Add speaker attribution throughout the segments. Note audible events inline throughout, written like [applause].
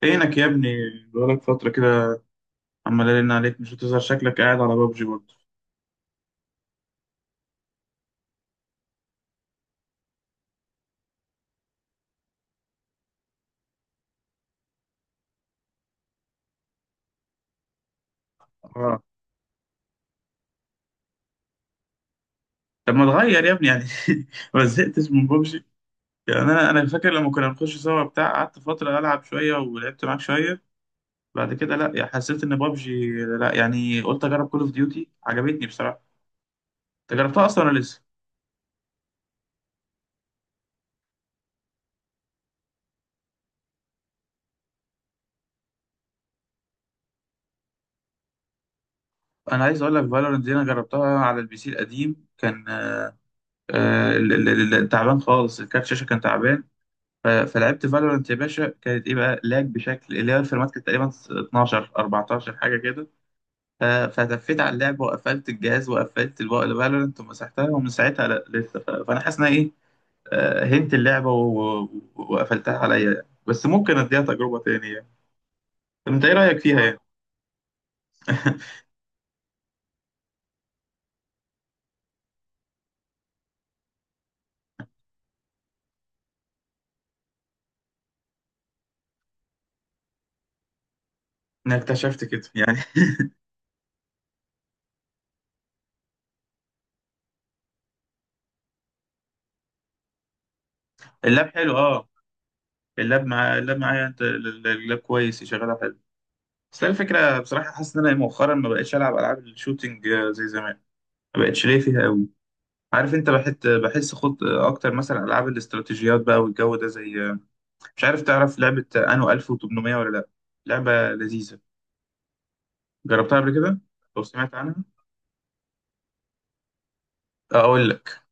Speaker 1: فينك يا ابني؟ بقالك فترة كده، عمال أرن عليك مش بتظهر، شكلك قاعد على بابجي برضه. اه، طب ما تغير يا ابني يعني. [laughs] ما زهقتش من بابجي؟ يعني أنا فاكر لما كنا بنخش سوا بتاع، قعدت فترة ألعب شوية ولعبت معاك شوية. بعد كده لا يعني حسيت إن بابجي، لا يعني قلت أجرب كول أوف ديوتي، عجبتني بصراحة. أنت جربتها أصلا ولا لسه؟ أنا عايز أقول لك فالورنت دي أنا جربتها على البي سي القديم، كان تعبان خالص، الكارت شاشة كان تعبان. فلعبت فالورانت يا باشا، كانت ايه بقى؟ لاج بشكل، اللي هي الفيرمات كانت تقريبا 12 14 حاجه كده. فتفيت على اللعبه وقفلت الجهاز وقفلت الفالورانت ومسحتها، ومن ساعتها لا لسه. فانا حاسس ان أنا ايه، هنت اللعبه وقفلتها عليا يعني. بس ممكن اديها تجربه تانية يعني. طب انت ايه رايك فيها يعني؟ [laughs] انا اكتشفت كده يعني. اللاب حلو، اه، اللاب، مع اللاب معايا انت، اللاب كويس شغاله حلو. بس الفكره بصراحه حاسس ان انا إيه، مؤخرا ما بقتش العب العاب الشوتينج زي زمان، ما بقتش ليه فيها قوي. عارف انت، بحس خد اكتر مثلا العاب الاستراتيجيات بقى والجو ده زي، مش عارف تعرف لعبه انو 1800 ولا لا؟ لعبه لذيذه، جربتها قبل كده. لو سمعت عنها اقول لك.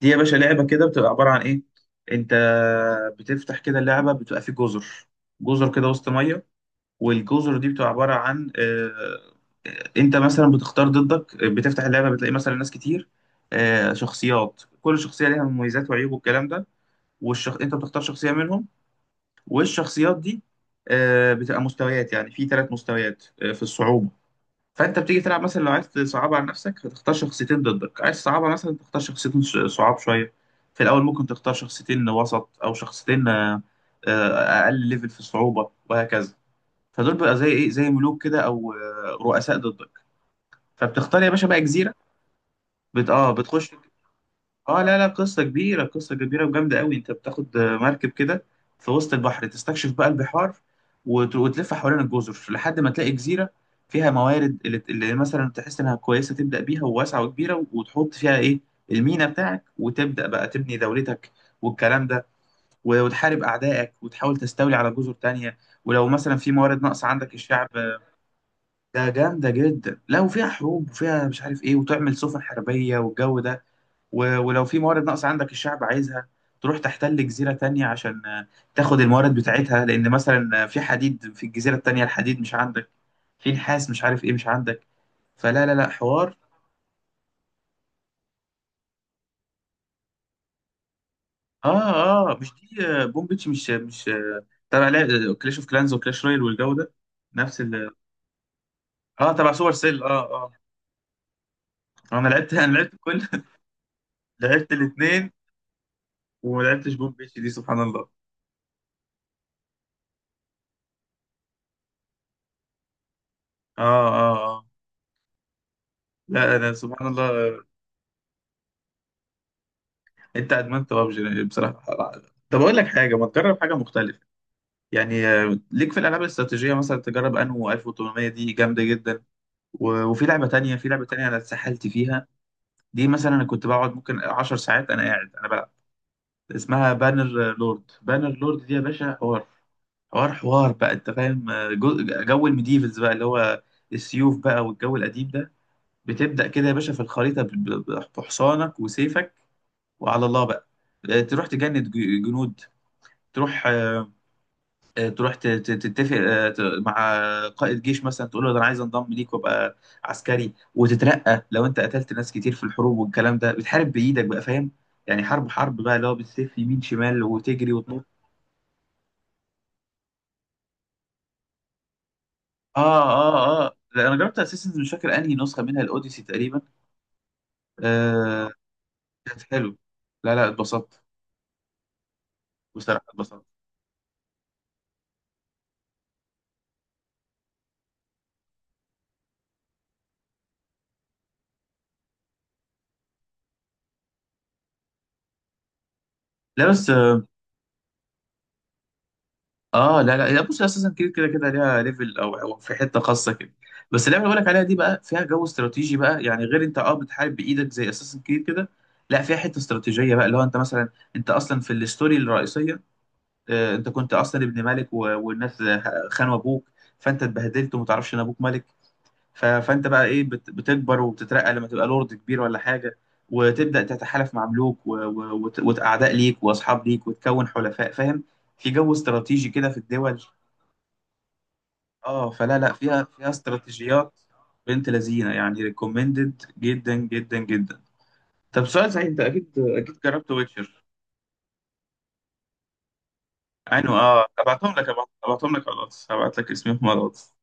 Speaker 1: دي يا باشا لعبه كده، بتبقى عباره عن ايه، انت بتفتح كده اللعبه، بتبقى في جزر، جزر كده وسط ميه. والجزر دي بتبقى عباره عن انت مثلا بتختار ضدك، بتفتح اللعبه بتلاقي مثلا ناس كتير، شخصيات، كل شخصيه ليها مميزات وعيوب والكلام ده. انت بتختار شخصيه منهم. والشخصيات دي بتبقى مستويات، يعني في ثلاث مستويات في الصعوبة. فانت بتيجي تلعب، مثلا لو عايز تصعبها على نفسك هتختار شخصيتين ضدك، عايز تصعبها مثلا تختار شخصيتين صعاب شوية. في الاول ممكن تختار شخصيتين وسط او شخصيتين اقل ليفل في الصعوبة، وهكذا. فدول بقى زي ايه، زي ملوك كده او رؤساء ضدك. فبتختار يا باشا بقى جزيرة، اه بتخش. اه لا لا، قصة كبيرة، قصة كبيرة وجامدة قوي. انت بتاخد مركب كده في وسط البحر، تستكشف بقى البحار، وتلف حوالين الجزر لحد ما تلاقي جزيرة فيها موارد اللي مثلا تحس انها كويسة، تبدأ بيها، وواسعة وكبيرة، وتحط فيها ايه، المينا بتاعك، وتبدأ بقى تبني دولتك والكلام ده. وتحارب أعدائك وتحاول تستولي على جزر تانية، ولو مثلا في موارد ناقصة عندك الشعب. ده جامدة جدا، لا وفيها حروب وفيها مش عارف ايه، وتعمل سفن حربية والجو ده. ولو في موارد ناقصة عندك الشعب عايزها، تروح تحتل جزيرة تانية عشان تاخد الموارد بتاعتها، لأن مثلا في حديد، في الجزيرة التانية الحديد مش عندك، في نحاس مش عارف إيه مش عندك. فلا لا لا، حوار. آه آه، مش دي بومبيتش، مش مش تبع كلاش أوف كلانز وكلاش رويال والجو ده، نفس ال، آه، تبع سوبر سيل. آه آه آه. أنا لعبت، أنا لعبت كل [laughs] لعبت الاتنين، وما لعبتش بومبيتش دي، سبحان الله. آه آه آه، لا أنا سبحان الله. انت ادمنت ببجي بصراحه. طب اقول لك حاجه، ما تجرب حاجه مختلفه يعني. ليك في الالعاب الاستراتيجيه مثلا، تجرب انو 1800 دي جامده جدا. وفي لعبه تانية، في لعبه تانية انا اتسحلت فيها، دي مثلا انا كنت بقعد ممكن 10 ساعات انا قاعد انا بلعب. اسمها بانر لورد، بانر لورد دي يا باشا حوار، حوار بقى انت فاهم جو، جو الميديفلز بقى، اللي هو السيوف بقى والجو القديم ده. بتبدا كده يا باشا في الخريطه بحصانك وسيفك، وعلى الله بقى. تروح تجند جنود، تروح تروح تتفق مع قائد جيش مثلا، تقول له ده انا عايز انضم ليك وابقى عسكري، وتترقى لو انت قتلت ناس كتير في الحروب والكلام ده. بتحارب بايدك بقى، فاهم يعني، حرب حرب بقى، اللي هو بالسيف يمين شمال وتجري وتنط. اه اه اه، لا انا جربت اساسنز، مش فاكر انهي نسخه منها، الاوديسي تقريبا. آه، كانت حلو. لا لا، اتبسطت بصراحه، اتبسطت. لا بس اه لا لا لا، بص اساسا كده كده كده ليها ليفل، او أو في حته خاصه كده. بس اللعبه اللي بقولك عليها دي بقى فيها جو استراتيجي بقى، يعني غير انت اه بتحارب بايدك زي اساسا كده كده. لا فيها حته استراتيجيه بقى، اللي هو انت مثلا، انت اصلا في الستوري الرئيسيه، آه انت كنت اصلا ابن ملك والناس خانوا ابوك، فانت اتبهدلت وما تعرفش ان ابوك ملك. فانت بقى ايه، بتكبر وبتترقى لما تبقى لورد كبير ولا حاجه، وتبدا تتحالف مع ملوك واعداء ليك واصحاب ليك وتكون حلفاء، فاهم، في جو استراتيجي كده في الدول. اه فلا لا، فيها فيها استراتيجيات. بنت لذينه يعني، ريكومندد جدا جدا جدا. طب سؤال سعيد، انت اكيد اكيد جربت ويتشر؟ ايوه اه، ابعتهم لك، ابعتهم لك على الواتس، هبعت لك اسمهم على الواتس.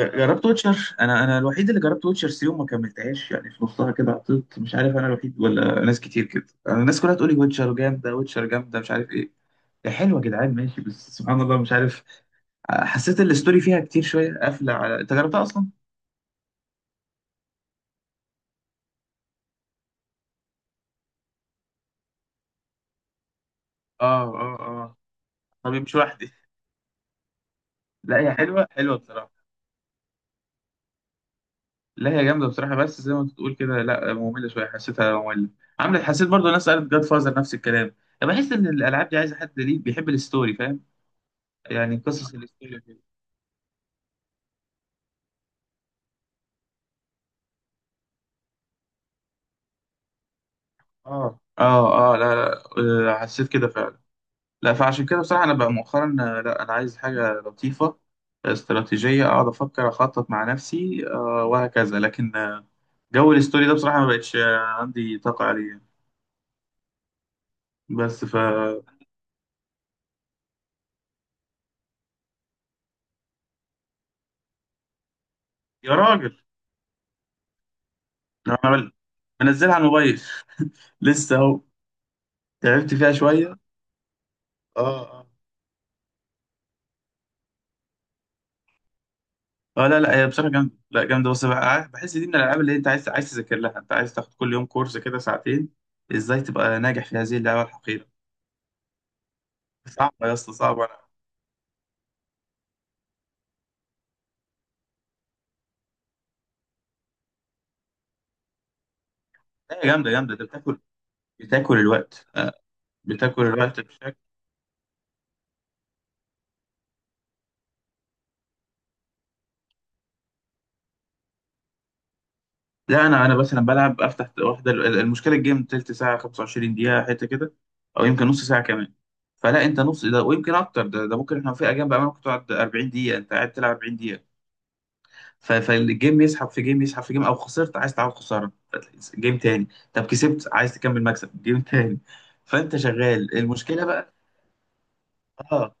Speaker 1: جربت ويتشر، انا الوحيد اللي جربت ويتشر 3 وما كملتهاش، يعني في نصها كده عطلت، مش عارف انا الوحيد ولا ناس كتير كده، انا الناس كلها تقول لي ويتشر جامده، ويتشر جامده، مش عارف ايه. هي حلوه يا جدعان ماشي، بس سبحان الله مش عارف، حسيت الستوري فيها كتير شويه قافله. على انت جربتها اصلا؟ اه اه اه، طب مش وحدي. لا هي حلوه، حلوه بصراحه. لا هي جامده بصراحه، بس زي ما انت بتقول كده، لا ممله شويه حسيتها، ممله عملت حسيت برضو، الناس قالت جاد فازر نفس الكلام. انا بحس ان الالعاب دي عايزه حد ليه بيحب الستوري، فاهم يعني، قصص الستوري كده. اه اه اه لا لا حسيت كده فعلا. لا فعشان كده بصراحه انا بقى مؤخرا لا انا عايز حاجه لطيفه، استراتيجيه، اقعد افكر اخطط مع نفسي آه، وهكذا، لكن جو الستوري ده بصراحه ما بقتش عندي طاقه عليه يعني. بس ف، يا راجل، انا منزلها على الموبايل لسه اهو، تعبت فيها شويه. اه اه اه، لا لا هي بصراحه جامده، لا جامده، بس بقى عارف، بحس دي من الالعاب اللي انت عايز، عايز تذاكر لها، انت عايز تاخد كل يوم كورس كده ساعتين، ازاي تبقى ناجح في هذه اللعبه الحقيره. صعبه يا اسطى، صعبه لا. هي جامده، جامده، انت بتاكل، بتاكل الوقت بتاكل الوقت بشكل. لا انا مثلا بلعب، افتح واحده، المشكله الجيم تلت ساعه 25 دقيقه حته كده، او يمكن نص ساعه كمان. فلا انت نص ده ويمكن اكتر، ده ممكن، احنا في اجيال بقى ممكن تقعد 40 دقيقه، انت قاعد تلعب 40 دقيقه. فالجيم يسحب في جيم، يسحب في جيم، او خسرت عايز تعود خساره، جيم تاني. طب كسبت عايز تكمل مكسب، جيم تاني. فانت شغال، المشكله بقى اه،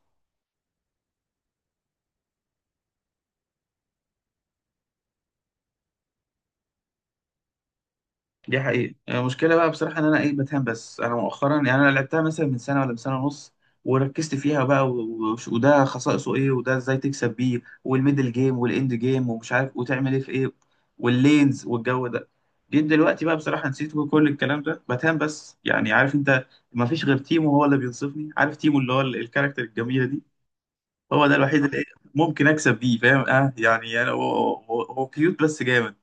Speaker 1: دي حقيقة المشكلة بقى بصراحة، إن أنا إيه، بتهان، بس أنا مؤخرا يعني أنا لعبتها مثلا من سنة، ولا من سنة ونص، وركزت فيها بقى وده خصائصه إيه، وده إزاي تكسب بيه، والميدل جيم والإند جيم ومش عارف وتعمل إيه في إيه، واللينز والجو ده. جيت دلوقتي بقى بصراحة نسيت كل الكلام ده، بتهان، بس يعني عارف أنت، مفيش غير تيمو هو اللي بينصفني، عارف تيمو، اللي هو الكاركتر الجميلة دي، هو ده الوحيد اللي إيه ممكن أكسب بيه فاهم، أه يعني أنا، هو هو كيوت بس جامد.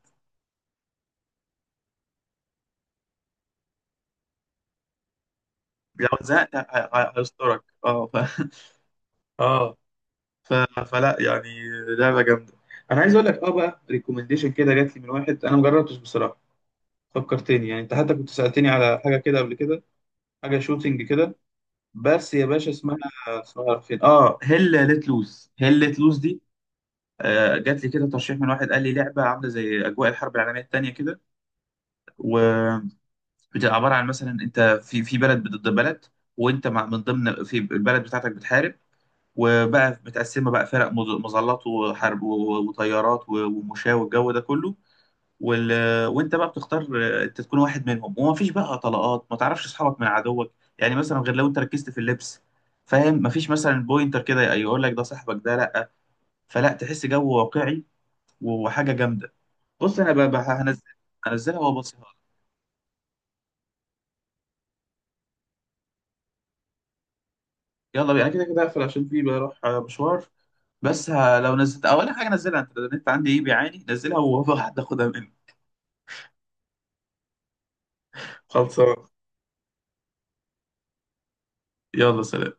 Speaker 1: لو زهقت ه- هيسترك أه [laughs] اه. ف... فلا يعني لعبه جامده. انا عايز اقول لك اه بقى، ريكومنديشن كده جات لي من واحد انا ما جربتش بصراحه، فكرتني يعني، انت حتى كنت سالتني على حاجه كده قبل كده، حاجه شوتينج كده. بس يا باشا اسمها، اسمها فين اه، هيل ليت لوز، هيل ليت لوز دي، آه جات لي كده ترشيح من واحد قال لي لعبه عامله زي اجواء الحرب العالميه الثانيه كده، وبتبقى عباره عن مثلا انت في، في بلد ضد بلد، وانت مع من ضمن في البلد بتاعتك بتحارب، وبقى متقسمه بقى فرق مظلات وحرب وطيارات ومشاة والجو ده كله، وال... وانت بقى بتختار انت تكون واحد منهم، ومفيش بقى طلقات ما تعرفش اصحابك من عدوك، يعني مثلا غير لو انت ركزت في اللبس فاهم، مفيش مثلا بوينتر كده يقول لك ده صاحبك ده لا، فلا تحس جو واقعي وحاجه جامده. بص انا بقى بقى هنزل، هنزلها وابصيها لك. يلا بينا، أنا كده كده هقفل عشان في بروح مشوار، بس لو نزلت اول حاجه نزلها انت، النت عندي ايه بيعاني، نزلها وهاخدها منك. خلصان، يلا سلام